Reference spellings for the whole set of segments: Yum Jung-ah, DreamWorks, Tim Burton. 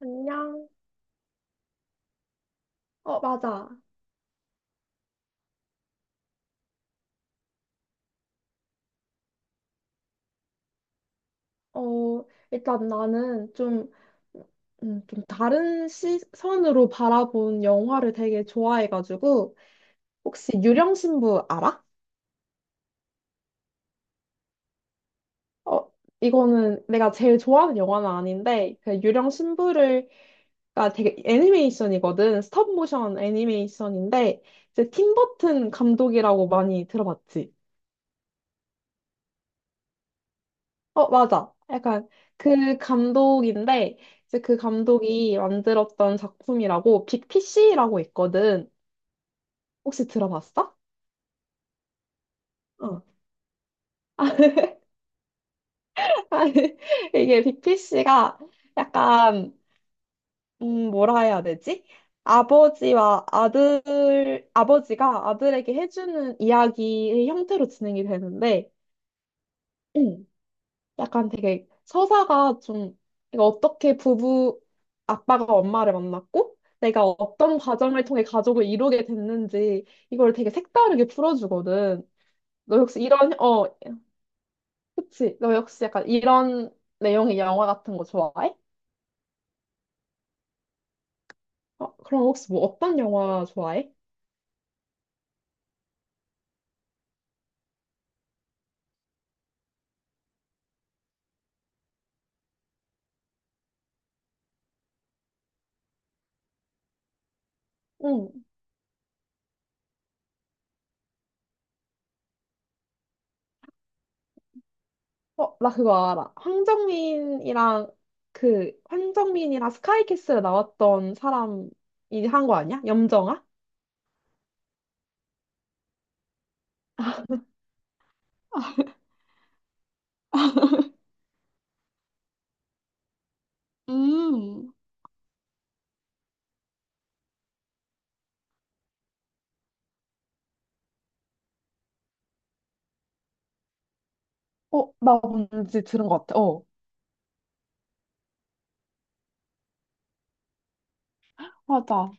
안녕. 어, 맞아. 어, 일단 나는 좀, 좀 다른 시선으로 바라본 영화를 되게 좋아해가지고, 혹시 유령신부 알아? 어, 이거는 내가 제일 좋아하는 영화는 아닌데, 그 유령신부를가 되게 애니메이션이거든. 스톱모션 애니메이션인데, 이제 팀 버튼 감독이라고 많이 들어봤지? 어, 맞아. 약간 그 감독인데, 이제 그 감독이 만들었던 작품이라고 빅피씨라고 있거든. 혹시 들어봤어? 어, 아니, 이게 빅피씨가 약간, 뭐라 해야 되지? 아버지와 아들, 아버지가 아들에게 해주는 이야기의 형태로 진행이 되는데, 약간 되게 서사가 좀 그러니까 어떻게 부부 아빠가 엄마를 만났고 내가 어떤 과정을 통해 가족을 이루게 됐는지 이걸 되게 색다르게 풀어주거든. 너 역시 이런 그치? 너 역시 약간 이런 내용의 영화 같은 거 좋아해? 어, 그럼 혹시 뭐 어떤 영화 좋아해? 응. 어, 나 그거 알아. 황정민이랑 그 황정민이랑 스카이캐슬에 나왔던 사람이 한 거 아니야? 염정아? 음. 어, 나 뭔지 들은 것 같아. 어, 맞아.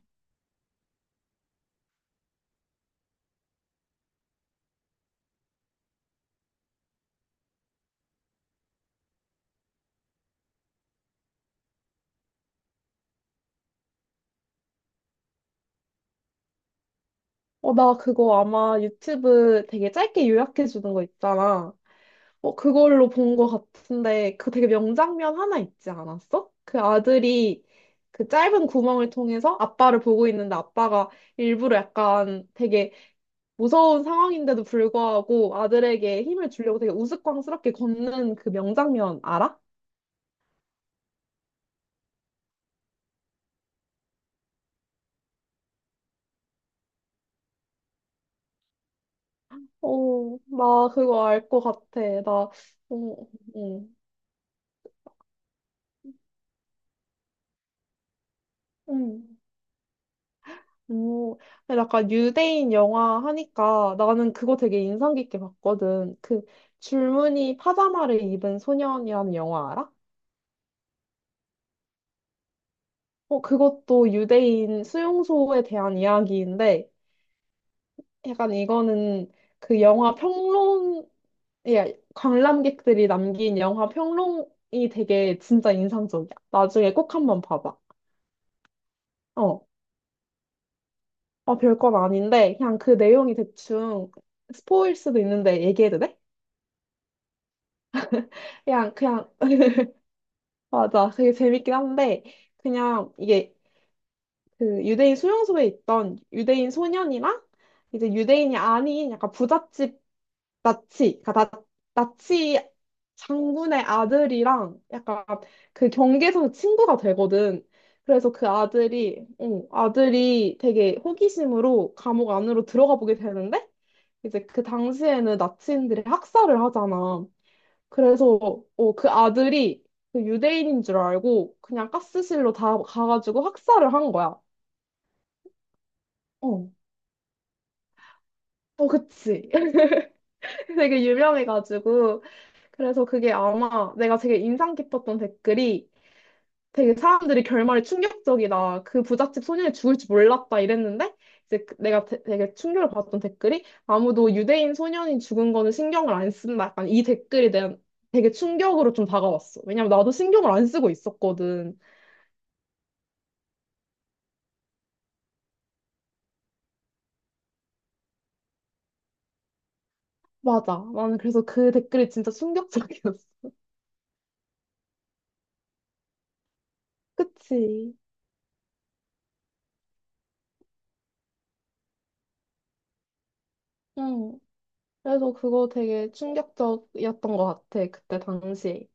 어, 나 그거 아마 유튜브 되게 짧게 요약해 주는 거 있잖아. 어, 그걸로 본 것 같은데, 그 되게 명장면 하나 있지 않았어? 그 아들이 그 짧은 구멍을 통해서 아빠를 보고 있는데 아빠가 일부러 약간 되게 무서운 상황인데도 불구하고 아들에게 힘을 주려고 되게 우스꽝스럽게 걷는 그 명장면 알아? 어, 나 그거 알 것 같아. 어, 어, 응. 오, 근데 약간 유대인 영화 하니까 나는 그거 되게 인상 깊게 봤거든. 그 줄무늬 파자마를 입은 소년이라는 영화 알아? 어, 그것도 유대인 수용소에 대한 이야기인데 약간 이거는 그 영화 평론, 예, 관람객들이 남긴 영화 평론이 되게 진짜 인상적이야. 나중에 꼭 한번 봐봐. 어, 어, 별건 아닌데 그냥 그 내용이 대충 스포일 수도 있는데 얘기해도 돼? 그냥 그냥 맞아. 되게 재밌긴 한데, 그냥 이게 그 유대인 수용소에 있던 유대인 소년이랑 이제 유대인이 아닌 약간 부잣집 그러니까 나치 장군의 아들이랑 약간 그 경계에서 친구가 되거든. 그래서 아들이 되게 호기심으로 감옥 안으로 들어가 보게 되는데, 이제 그 당시에는 나치인들이 학살을 하잖아. 그래서 그 아들이 그 유대인인 줄 알고 그냥 가스실로 다 가가지고 학살을 한 거야. 어, 어, 그치. 되게 유명해가지고. 그래서 그게 아마 내가 되게 인상 깊었던 댓글이 되게 사람들이 결말이 충격적이다. 그 부잣집 소년이 죽을 줄 몰랐다 이랬는데 이제 내가 되게 충격을 받았던 댓글이 아무도 유대인 소년이 죽은 거는 신경을 안 쓴다. 약간 이 댓글이 한 되게 충격으로 좀 다가왔어. 왜냐면 나도 신경을 안 쓰고 있었거든. 맞아. 나는 그래서 그 댓글이 진짜 충격적이었어. 그치. 응. 그래서 그거 되게 충격적이었던 것 같아, 그때 당시.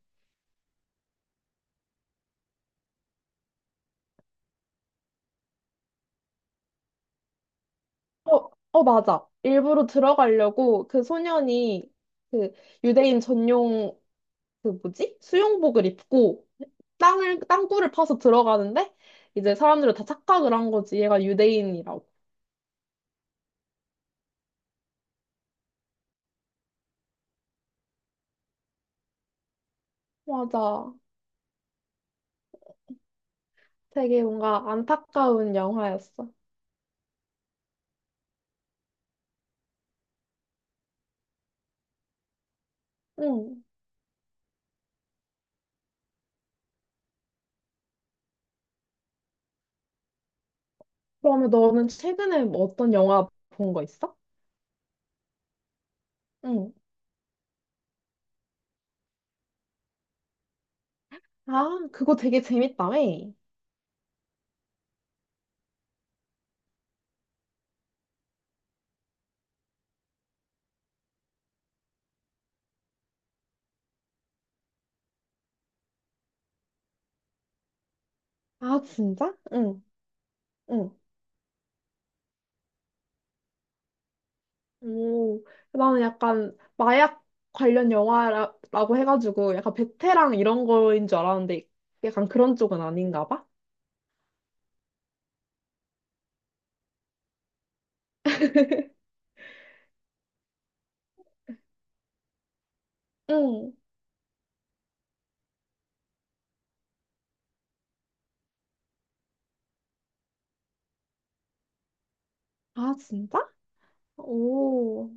어, 어, 맞아. 일부러 들어가려고 그 소년이 그 유대인 전용 그 뭐지? 수용복을 입고 땅굴을 파서 들어가는데 이제 사람들은 다 착각을 한 거지. 얘가 유대인이라고. 맞아. 되게 뭔가 안타까운 영화였어. 응. 그러면 너는 최근에 뭐 어떤 영화 본 거 있어? 응. 아, 그거 되게 재밌다며. 아, 진짜? 응, 응. 오, 나는 약간 마약 관련 영화라고 해가지고 약간 베테랑 이런 거인 줄 알았는데 약간 그런 쪽은 아닌가 봐. 응. 아, 진짜? 오,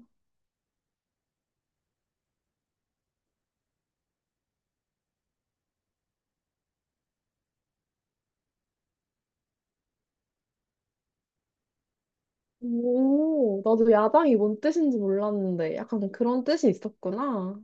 오, 나도 야당이 뭔 뜻인지 몰랐는데 약간 그런 뜻이 있었구나.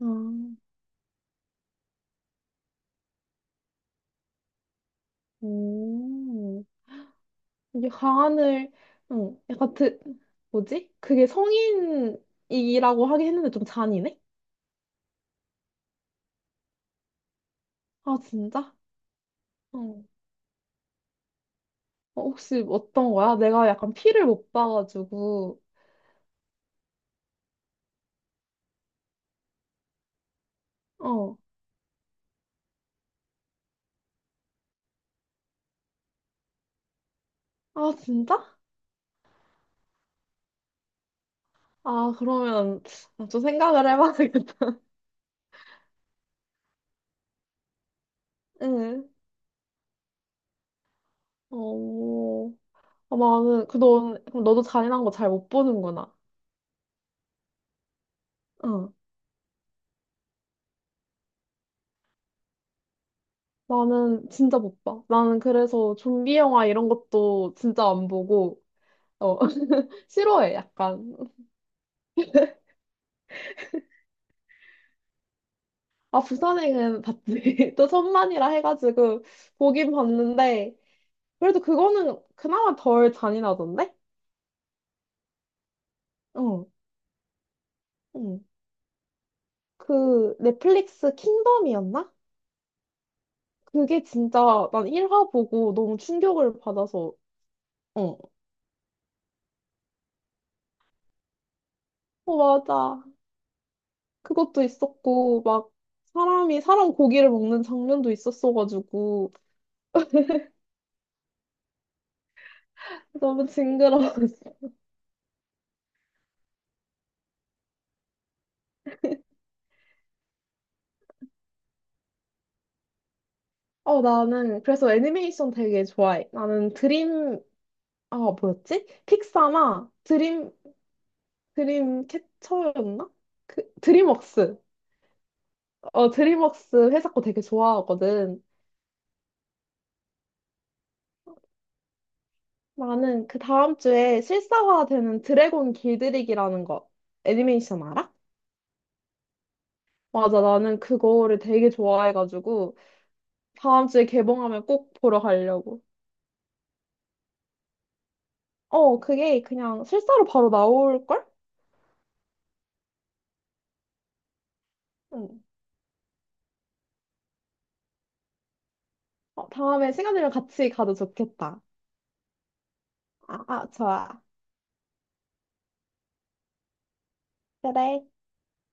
아, 오. 이게 가안을 응, 약간 뭐지? 그게 성인이라고 하긴 했는데 좀 잔인해? 아 진짜? 응. 어, 혹시 어떤 거야? 내가 약간 피를 못 봐가지고 어. 아 진짜? 아 그러면 아, 좀 생각을 해봐야겠다. 응. 어. 아, 나는 그 너 그럼 너도 잔인한 거 잘 못 보는구나. 응. 나는 진짜 못 봐. 나는 그래서 좀비 영화 이런 것도 진짜 안 보고 어 싫어해 약간. 아, 부산행은 봤지. 또 천만이라 해가지고 보긴 봤는데, 그래도 그거는 그나마 덜 잔인하던데? 어, 응. 그 넷플릭스 킹덤이었나? 그게 진짜 난 1화 보고 너무 충격을 받아서, 어, 어, 맞아. 그것도 있었고, 막 사람이 사람 고기를 먹는 장면도 있었어가지고, 너무 징그러웠어. 어, 나는 그래서 애니메이션 되게 좋아해. 나는 아, 뭐였지? 픽사나 드림 캐쳐였나? 그 드림웍스. 어, 드림웍스 회사 거 되게 좋아하거든. 나는 그 다음 주에 실사화되는 드래곤 길들이기라는 거 애니메이션 알아? 맞아, 나는 그거를 되게 좋아해가지고 다음 주에 개봉하면 꼭 보러 가려고. 어, 그게 그냥 실사로 바로 나올걸? 응. 어, 다음에 시간 되면 같이 가도 좋겠다. 아, 아, 좋아. 그래.